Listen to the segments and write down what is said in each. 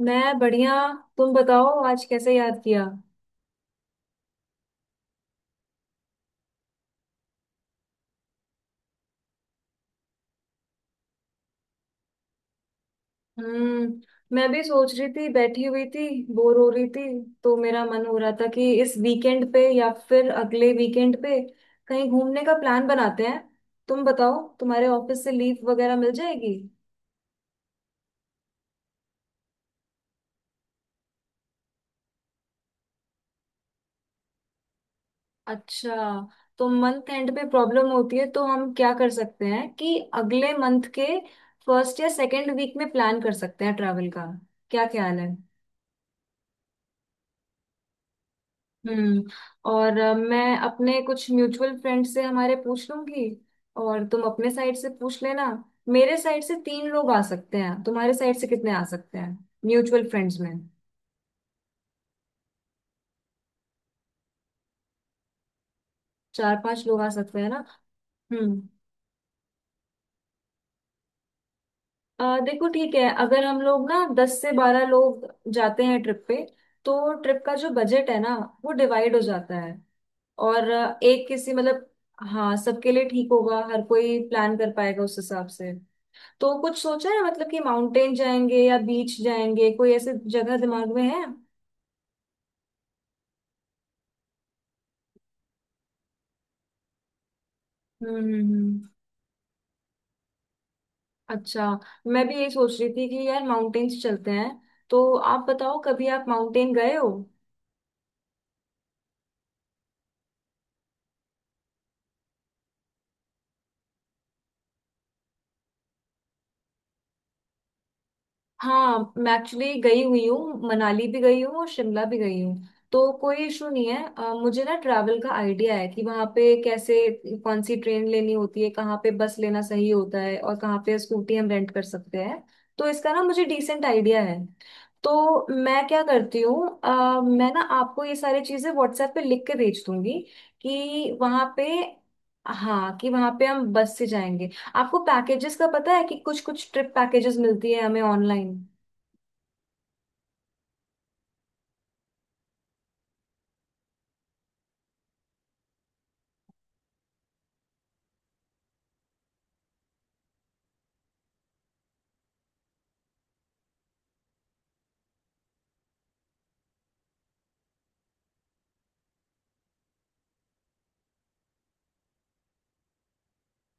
मैं बढ़िया। तुम बताओ, आज कैसे याद किया। हम्म मैं भी सोच रही थी, बैठी हुई थी, बोर हो रही थी। तो मेरा मन हो रहा था कि इस वीकेंड पे या फिर अगले वीकेंड पे कहीं घूमने का प्लान बनाते हैं। तुम बताओ, तुम्हारे ऑफिस से लीव वगैरह मिल जाएगी। अच्छा। तो मंथ एंड पे प्रॉब्लम होती है, तो हम क्या कर सकते हैं कि अगले मंथ के फर्स्ट या सेकेंड वीक में प्लान कर सकते हैं ट्रैवल का। क्या ख्याल है। हम्म। और मैं अपने कुछ म्यूचुअल फ्रेंड से हमारे पूछ लूंगी। और तुम अपने साइड से पूछ लेना। मेरे साइड से तीन लोग आ सकते हैं, तुम्हारे साइड से कितने आ सकते हैं म्यूचुअल फ्रेंड्स में। चार पांच लोग आ सकते हैं ना। हम्म। देखो, ठीक है, अगर हम लोग ना 10 से 12 लोग जाते हैं ट्रिप पे, तो ट्रिप का जो बजट है ना, वो डिवाइड हो जाता है। और एक किसी मतलब। हाँ, सबके लिए ठीक होगा, हर कोई प्लान कर पाएगा उस हिसाब से। तो कुछ सोचा है मतलब कि माउंटेन जाएंगे या बीच जाएंगे, कोई ऐसे जगह दिमाग में है। हम्म। हम्म, हम्म। अच्छा। मैं भी ये सोच रही थी कि यार माउंटेन्स चलते हैं, तो आप बताओ, कभी आप माउंटेन गए हो। हाँ, मैं एक्चुअली गई हुई हूँ, मनाली भी गई हूँ और शिमला भी गई हूँ। तो कोई इशू नहीं है। मुझे ना ट्रैवल का आइडिया है कि वहाँ पे कैसे कौन सी ट्रेन लेनी होती है, कहाँ पे बस लेना सही होता है और कहाँ पे स्कूटी हम रेंट कर सकते हैं। तो इसका ना मुझे डिसेंट आइडिया है। तो मैं क्या करती हूँ, मैं ना आपको ये सारी चीज़ें व्हाट्सएप पे लिख के भेज दूंगी, कि वहाँ पे हाँ, कि वहाँ पे हम बस से जाएंगे। आपको पैकेजेस का पता है कि कुछ कुछ ट्रिप पैकेजेस मिलती है हमें ऑनलाइन।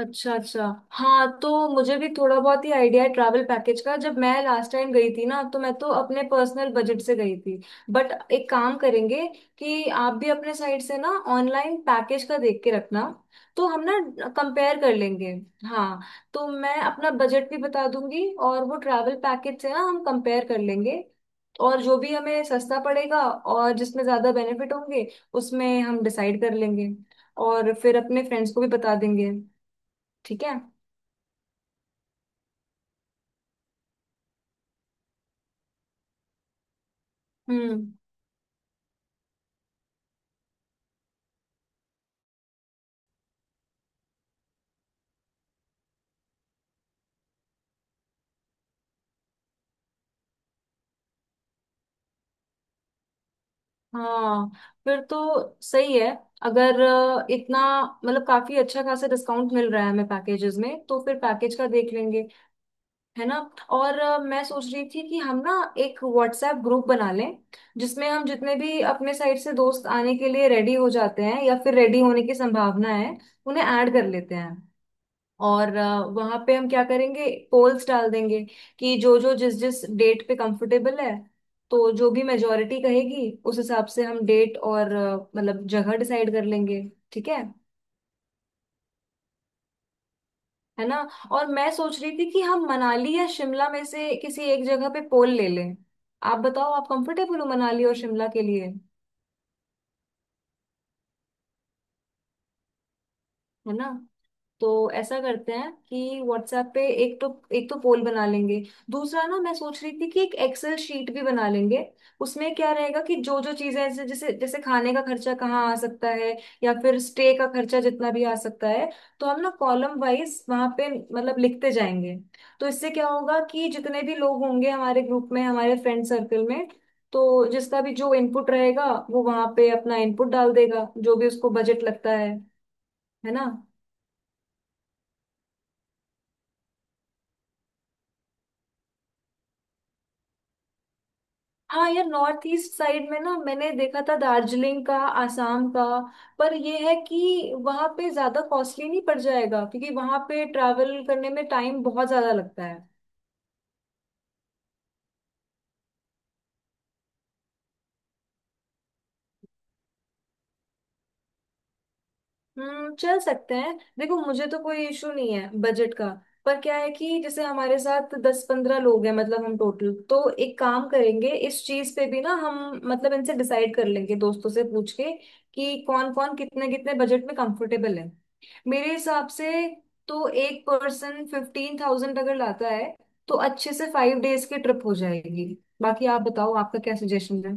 अच्छा, अच्छा। हाँ, तो मुझे भी थोड़ा बहुत ही आइडिया है ट्रैवल पैकेज का। जब मैं लास्ट टाइम गई थी ना, तो मैं तो अपने पर्सनल बजट से गई थी। बट एक काम करेंगे, कि आप भी अपने साइड से ना ऑनलाइन पैकेज का देख के रखना। तो हम ना कंपेयर कर लेंगे। हाँ, तो मैं अपना बजट भी बता दूंगी और वो ट्रैवल पैकेज से ना हम कंपेयर कर लेंगे। और जो भी हमें सस्ता पड़ेगा और जिसमें ज्यादा बेनिफिट होंगे, उसमें हम डिसाइड कर लेंगे। और फिर अपने फ्रेंड्स को भी बता देंगे। ठीक है। हम्म। हाँ। फिर तो सही है। अगर इतना मतलब काफी अच्छा खासा डिस्काउंट मिल रहा है हमें पैकेजेस में, तो फिर पैकेज का देख लेंगे। है ना। और मैं सोच रही थी कि हम ना एक व्हाट्सएप ग्रुप बना लें, जिसमें हम जितने भी अपने साइड से दोस्त आने के लिए रेडी हो जाते हैं या फिर रेडी होने की संभावना है, उन्हें ऐड कर लेते हैं। और वहां पे हम क्या करेंगे, पोल्स डाल देंगे, कि जो जो जिस जिस डेट पे कंफर्टेबल है। तो जो भी मेजोरिटी कहेगी, उस हिसाब से हम डेट और मतलब जगह डिसाइड कर लेंगे। ठीक है। है ना। और मैं सोच रही थी कि हम मनाली या शिमला में से किसी एक जगह पे पोल ले लें। आप बताओ, आप कंफर्टेबल हो मनाली और शिमला के लिए। है ना। तो ऐसा करते हैं कि व्हाट्सएप पे एक तो पोल बना लेंगे। दूसरा, ना मैं सोच रही थी कि एक एक्सेल शीट भी बना लेंगे। उसमें क्या रहेगा कि जो जो चीजें, ऐसे जैसे जैसे खाने का खर्चा कहाँ आ सकता है, या फिर स्टे का खर्चा जितना भी आ सकता है। तो हम ना कॉलम वाइज वहां पे मतलब लिखते जाएंगे। तो इससे क्या होगा कि जितने भी लोग होंगे हमारे ग्रुप में, हमारे फ्रेंड सर्कल में, तो जिसका भी जो इनपुट रहेगा, वो वहां पे अपना इनपुट डाल देगा जो भी उसको बजट लगता है। है ना। हाँ यार, नॉर्थ ईस्ट साइड में ना मैंने देखा था, दार्जिलिंग का, आसाम का। पर ये है कि वहाँ पे ज्यादा कॉस्टली नहीं पड़ जाएगा, क्योंकि वहाँ पे ट्रैवल करने में टाइम बहुत ज्यादा लगता है। हम्म। चल सकते हैं, देखो मुझे तो कोई इशू नहीं है बजट का। पर क्या है कि जैसे हमारे साथ 10-15 लोग हैं मतलब हम टोटल, तो एक काम करेंगे, इस चीज पे भी ना हम मतलब इनसे डिसाइड कर लेंगे, दोस्तों से पूछ के। कि कौन कौन कितने कितने बजट में कंफर्टेबल है। मेरे हिसाब से, तो एक पर्सन 15,000 अगर लाता है, तो अच्छे से 5 डेज की ट्रिप हो जाएगी। बाकी आप बताओ, आपका क्या सजेशन है।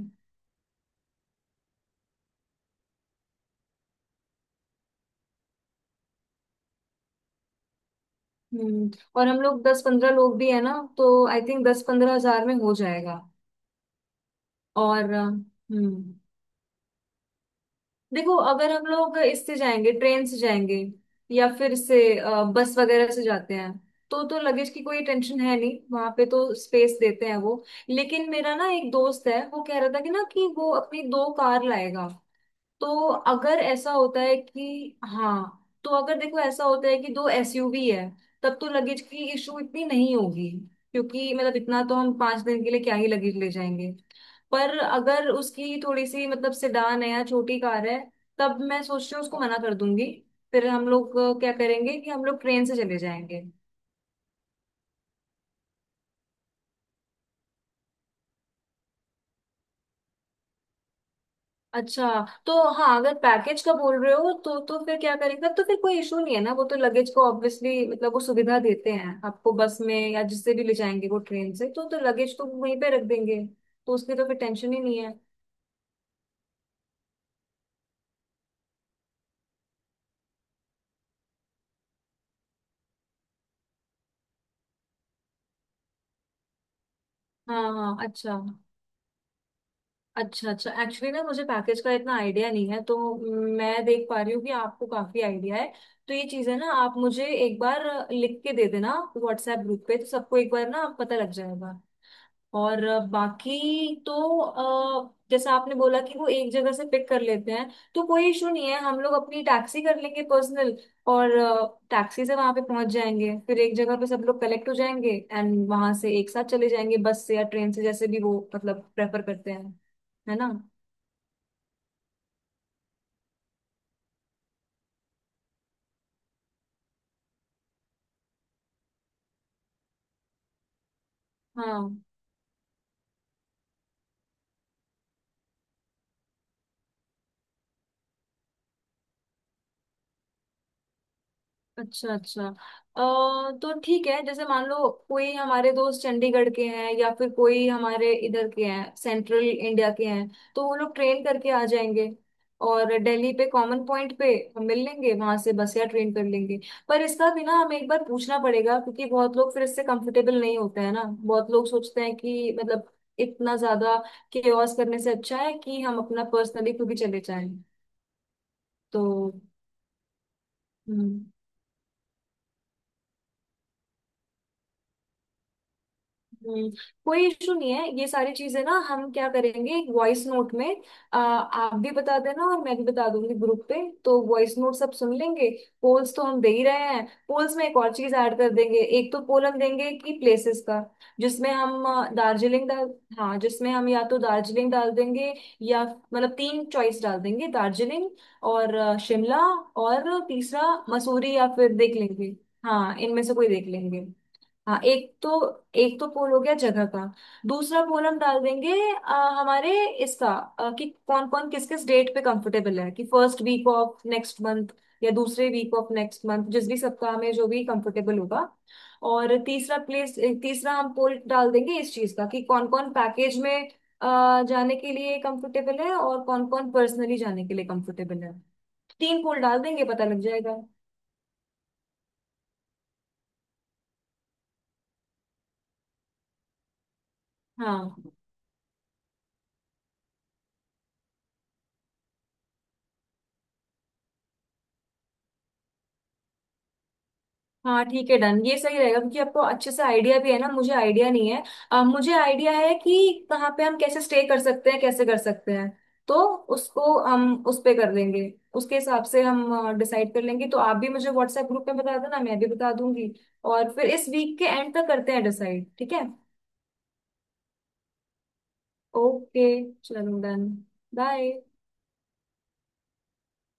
हम्म और हम लोग 10-15 लोग भी है ना, तो आई थिंक 10-15 हजार में हो जाएगा। और देखो, अगर हम लोग इससे जाएंगे, ट्रेन से जाएंगे, या फिर इससे बस वगैरह से जाते हैं, तो लगेज की कोई टेंशन है नहीं, वहां पे तो स्पेस देते हैं वो। लेकिन मेरा ना एक दोस्त है, वो कह रहा था कि ना कि वो अपनी दो कार लाएगा। तो अगर ऐसा होता है कि हाँ। तो अगर देखो ऐसा होता है कि दो एसयूवी है, तब तो लगेज की इशू इतनी नहीं होगी। क्योंकि मतलब इतना तो हम 5 दिन के लिए क्या ही लगेज ले जाएंगे। पर अगर उसकी थोड़ी सी मतलब सेडान है या छोटी कार है, तब मैं सोच रही हूँ उसको मना कर दूंगी। फिर हम लोग क्या करेंगे, कि हम लोग ट्रेन से चले जाएंगे। अच्छा। तो हाँ, अगर पैकेज का बोल रहे हो तो फिर क्या करेंगे, तब तो फिर कोई इशू नहीं है ना, वो तो लगेज को ऑब्वियसली मतलब वो सुविधा देते हैं आपको, बस में या जिससे भी ले जाएंगे, वो ट्रेन से तो लगेज तो वहीं पे रख देंगे। तो उसकी तो फिर टेंशन ही नहीं है। हाँ, हाँ। अच्छा, अच्छा, अच्छा। एक्चुअली ना मुझे पैकेज का इतना आइडिया नहीं है, तो मैं देख पा रही हूँ कि आपको काफी आइडिया है। तो ये चीजें ना आप मुझे एक बार लिख के दे देना व्हाट्सएप ग्रुप पे, तो सबको एक बार ना पता लग जाएगा। और बाकी तो जैसे आपने बोला कि वो एक जगह से पिक कर लेते हैं, तो कोई इशू नहीं है, हम लोग अपनी टैक्सी कर लेंगे पर्सनल, और टैक्सी से वहां पे पहुंच जाएंगे, फिर एक जगह पे सब लोग कलेक्ट हो जाएंगे एंड वहां से एक साथ चले जाएंगे, बस से या ट्रेन से जैसे भी वो मतलब प्रेफर करते हैं। है ना। हाँ, अच्छा, अच्छा। तो ठीक है, जैसे मान लो कोई हमारे दोस्त चंडीगढ़ के हैं या फिर कोई हमारे इधर के हैं, सेंट्रल इंडिया के हैं। तो वो लोग ट्रेन करके आ जाएंगे और दिल्ली पे कॉमन पॉइंट पे हम मिल लेंगे, वहां से बस या ट्रेन कर लेंगे। पर इसका भी ना हमें एक बार पूछना पड़ेगा, क्योंकि बहुत लोग फिर इससे कंफर्टेबल नहीं होते हैं ना, बहुत लोग सोचते हैं कि मतलब इतना ज्यादा केओस करने से अच्छा है कि हम अपना पर्सनली खुद ही चले जाएं। तो हम्म हम्म, कोई इशू नहीं है, ये सारी चीजें ना हम क्या करेंगे, एक वॉइस नोट में आप भी बता देना और मैं भी बता दूंगी ग्रुप पे, तो वॉइस नोट सब सुन लेंगे। पोल्स तो हम दे ही रहे हैं। पोल्स में एक और चीज ऐड कर देंगे। एक तो पोल हम देंगे कि प्लेसेस का, जिसमें हम अ, दार्जिलिंग डाल हाँ जिसमें हम या तो दार्जिलिंग डाल देंगे, या मतलब तीन चॉइस डाल देंगे, दार्जिलिंग और शिमला और तीसरा मसूरी, या फिर देख लेंगे। हाँ, इनमें से कोई देख लेंगे। हाँ। एक तो पोल हो गया जगह का। दूसरा पोल हम डाल देंगे, हमारे इसका कि कौन कौन किस किस डेट पे कंफर्टेबल है, कि first week of next month या दूसरे वीक ऑफ नेक्स्ट मंथ, जिस भी सप्ताह में जो भी कंफर्टेबल होगा। और तीसरा हम पोल डाल देंगे इस चीज का, कि कौन कौन पैकेज में जाने के लिए कंफर्टेबल है और कौन कौन पर्सनली जाने के लिए कंफर्टेबल है। तीन पोल डाल देंगे, पता लग जाएगा। हाँ, हाँ। ठीक है। डन। ये सही रहेगा, क्योंकि आपको अच्छे से आइडिया भी है ना, मुझे आइडिया नहीं है। मुझे आइडिया है कि कहाँ पे हम कैसे स्टे कर सकते हैं, कैसे कर सकते हैं। तो उसको हम उस पे कर लेंगे। उसके हिसाब से हम डिसाइड कर लेंगे, तो आप भी मुझे व्हाट्सएप ग्रुप में बता देना, मैं भी बता दूंगी। और फिर इस वीक के एंड तक करते हैं डिसाइड। ठीक है। ओके। चलो, डन। बाय।